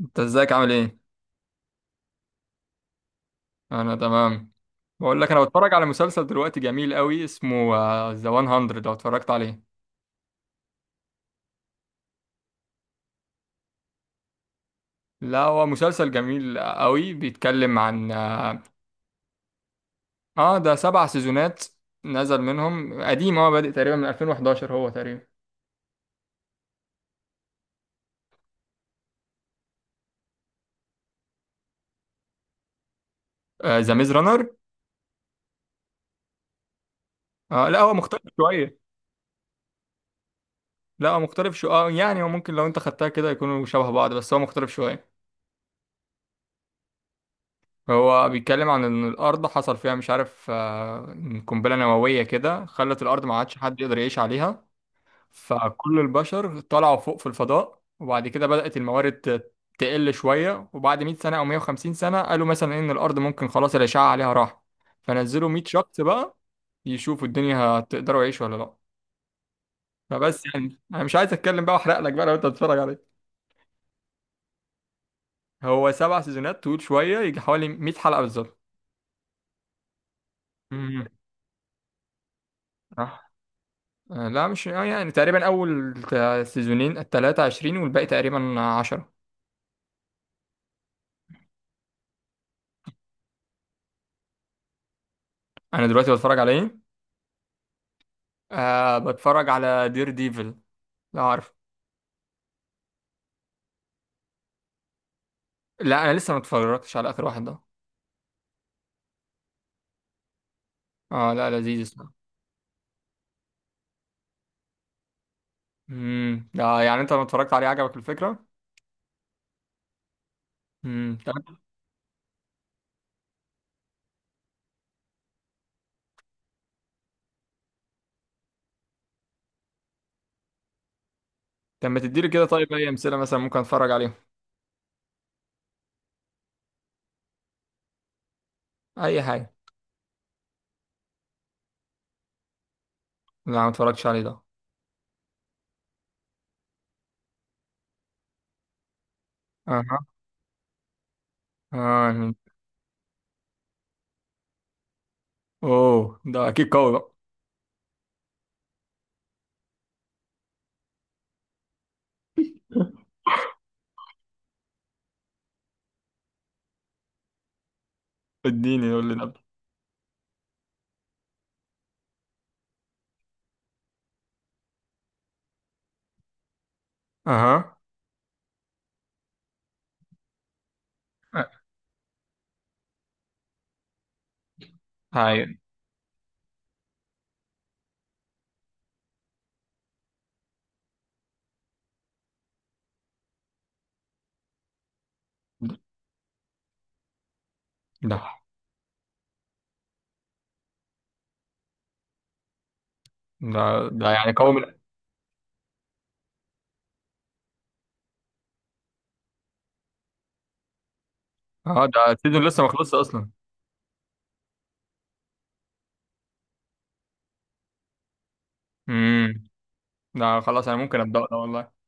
انت ازيك عامل ايه؟ انا تمام. بقول لك انا بتفرج على مسلسل دلوقتي جميل قوي اسمه ذا 100 لو اتفرجت عليه. لا، هو مسلسل جميل قوي بيتكلم عن اه آه، ده 7 سيزونات نزل منهم قديم، هو بادئ تقريبا من 2011. هو تقريبا ذا ميز رانر. آه، لا هو مختلف شويه. لا هو مختلف شويه، يعني هو ممكن لو انت خدتها كده يكونوا شبه بعض، بس هو مختلف شويه. هو بيتكلم عن ان الارض حصل فيها مش عارف، قنبله نوويه كده خلت الارض ما عادش حد يقدر يعيش عليها. فكل البشر طلعوا فوق في الفضاء، وبعد كده بدأت الموارد تقل شوية. وبعد 100 سنة أو 150 سنة قالوا مثلا إن الأرض ممكن خلاص الأشعة عليها راح. فنزلوا 100 شخص بقى يشوفوا الدنيا هتقدروا يعيشوا ولا لأ. فبس يعني أنا مش عايز أتكلم بقى وأحرق لك بقى لو أنت هتتفرج عليه. هو 7 سيزونات طويل شوية، يجي حوالي 100 حلقة بالظبط. مم. آه. آه، لا مش آه، يعني تقريبا أول سيزونين 23 والباقي تقريبا 10. أنا دلوقتي بتفرج على إيه؟ آه، بتفرج على دير ديفل. لا عارف. لا انا لسه ما اتفرجتش على اخر واحد ده. اه، لا لذيذ اسمه. ده يعني انت لما اتفرجت عليه عجبك الفكره؟ طب. طب ما تديلي كده، طيب اي امثله مثلا ممكن اتفرج عليهم. اي حاجه. لا ما اتفرجتش عليه ده. اها. اه. اوه، ده اكيد قوي بقى. اديني قول لي ده. اها. آه. هاي. ده ده ده يعني قوي من. اه، ده السيزون لسه ما خلصش اصلا. امم. ده خلاص انا ممكن ابدا ده والله.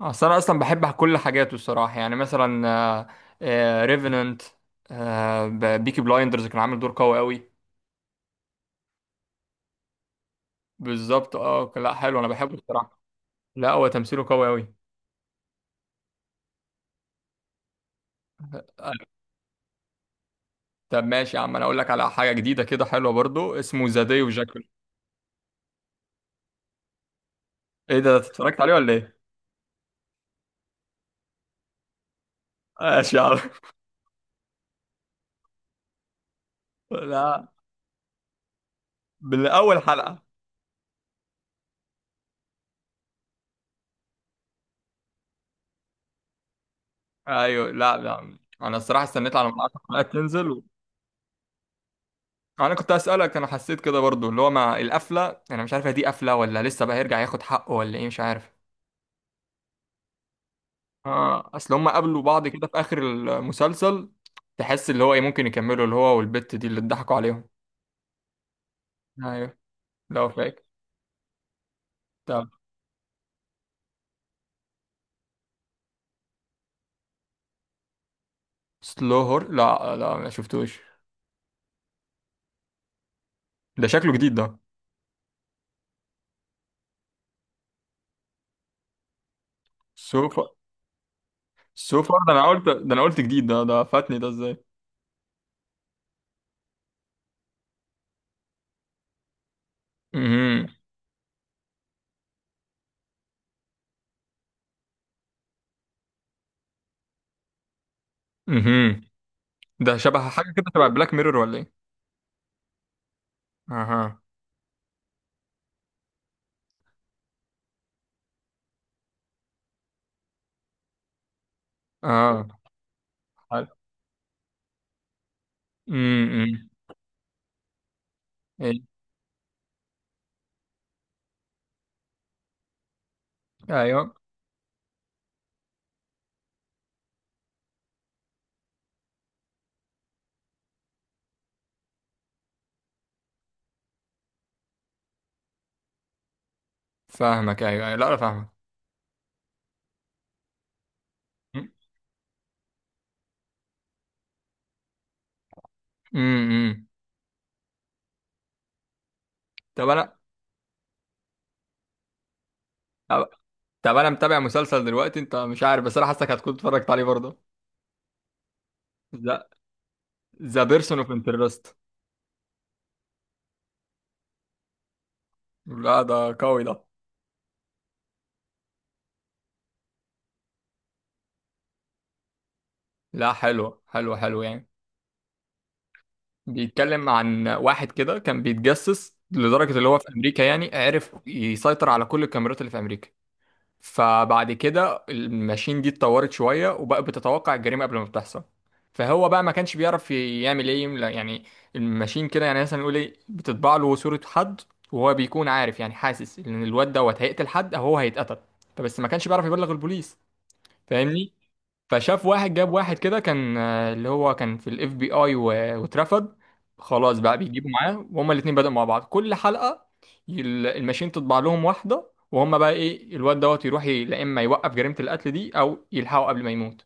آه، اصل انا اصلا بحب كل حاجاته الصراحه، يعني مثلا ريفننت، بيكي بلايندرز كان عامل دور قوي قوي. بالظبط، اه لا حلو انا بحبه الصراحه. لا هو تمثيله قوي قوي. آه، طب ماشي يا عم، انا اقول لك على حاجه جديده كده حلوه برضو، اسمه ذا داي وجاكل. ايه ده، اتفرجت عليه ولا ايه؟ ماشي يا عم. لا. بالاول حلقه. ايوه، لا لا انا الصراحه استنيت على ما 10 حلقات تنزل و... انا كنت اسالك، انا حسيت كده برضو، اللي هو مع القفله انا مش عارف هي دي قفله ولا لسه بقى هيرجع ياخد حقه ولا ايه، مش عارف. اه، اصل هم قابلوا بعض كده في اخر المسلسل. تحس اللي هو ايه، ممكن يكملوا اللي هو والبت دي اللي اتضحكوا عليهم. ايوه. لو فاكر. طب. سلو هور، لا لا ما شفتوش. ده شكله جديد ده. سوفا. سوفا ده انا قلت جديد، ده فاتني ده ازاي؟ امم، امم. ده شبه حاجه كده، شبه بلاك ميرور ولا ايه؟ اها. اه حلو. امم. ايه. ايوه فاهمك، ايوه لا انا فاهمك. امم. إمم، إمم. طب انا طب انا متابع مسلسل دلوقتي، انت مش عارف بس انا حاسسك هتكون اتفرجت عليه برضه. لا. ذا بيرسون اوف انترست. لا ده قوي ده. لا حلو حلو حلو يعني. بيتكلم عن واحد كده كان بيتجسس لدرجة اللي هو في امريكا، يعني عرف يسيطر على كل الكاميرات اللي في امريكا. فبعد كده الماشين دي اتطورت شوية وبقى بتتوقع الجريمة قبل ما بتحصل. فهو بقى ما كانش بيعرف يعمل ايه، لا، يعني الماشين كده يعني مثلا نقول ايه بتطبع له صورة حد، وهو بيكون عارف يعني حاسس ان الواد دوت هيقتل حد او هو هيتقتل. فبس ما كانش بيعرف يبلغ البوليس، فاهمني. فشاف واحد جاب واحد كده كان اللي هو كان في الاف بي اي واترفض. خلاص بقى بيجيبوا معاه، وهما الاتنين بدأوا مع بعض كل حلقة الماشين تطبع لهم واحدة، وهما بقى ايه الواد دوت يروح لا، اما يوقف جريمة القتل دي او يلحقه قبل ما يموت.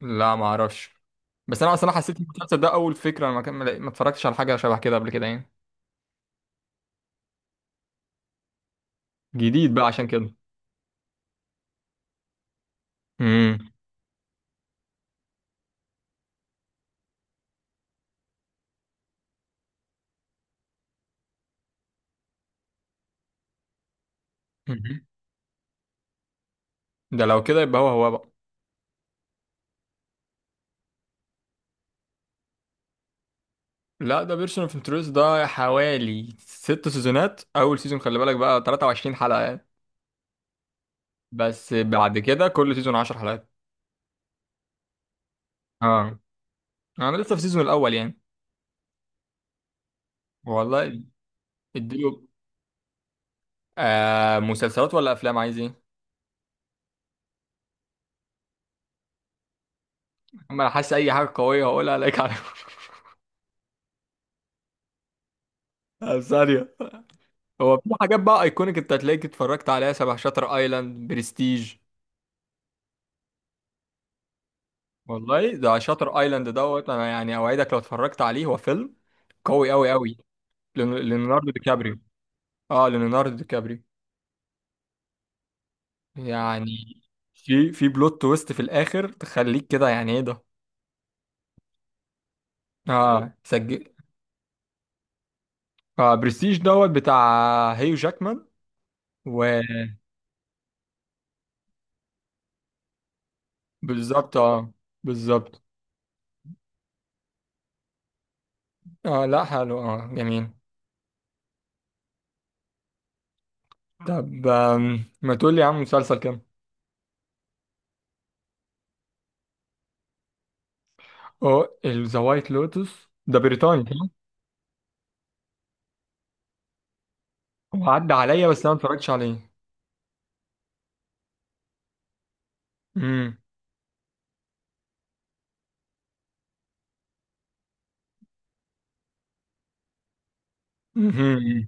لا ما اعرفش. بس انا اصلا حسيت ان المسلسل ده اول فكرة، انا ما اتفرجتش على حاجة شبه كده قبل كده يعني. جديد بقى عشان كده. امم ده لو كده يبقى هو هو بقى. لا ده بيرسون اوف انترست ده حوالي 6 سيزونات، اول سيزون خلي بالك بقى 23 حلقة يعني. بس بعد كده كل سيزون 10 حلقات. اه. انا لسه في السيزون الاول يعني. والله. اديله. مسلسلات ولا افلام عايز ايه؟ اما انا حاسس اي حاجة قوية هقولها عليك على... ثانية. هو في حاجات بقى ايكونيك انت هتلاقيك اتفرجت عليها، شبه شاتر ايلاند، برستيج. والله ده شاتر ايلاند دوت، انا يعني اوعدك لو اتفرجت عليه، هو فيلم قوي قوي قوي. ليوناردو دي كابريو. اه ليوناردو دي كابريو يعني. في بلوت تويست في الاخر تخليك كده يعني ايه ده. اه سجل. اه برستيج دوت بتاع هيو جاكمان. وبالظبط اه بالظبط اه لا حلو، اه جميل. طب ما تقول لي يا عم مسلسل كام. اه ذا وايت لوتس ده بريطاني صح؟ هو عدى عليا بس انا ما اتفرجتش عليه. امم، امم.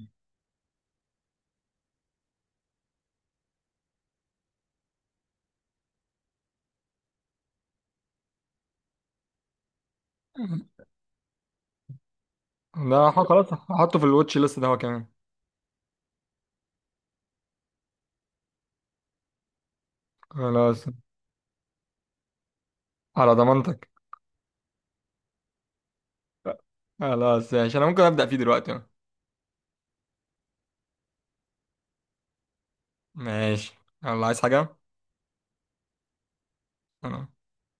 لا خلاص هحطه في الواتش ليست ده هو كمان. خلاص. على ضمانتك. خلاص ماشي انا ممكن ابدا فيه دلوقتي. ماشي. يلا عايز حاجه.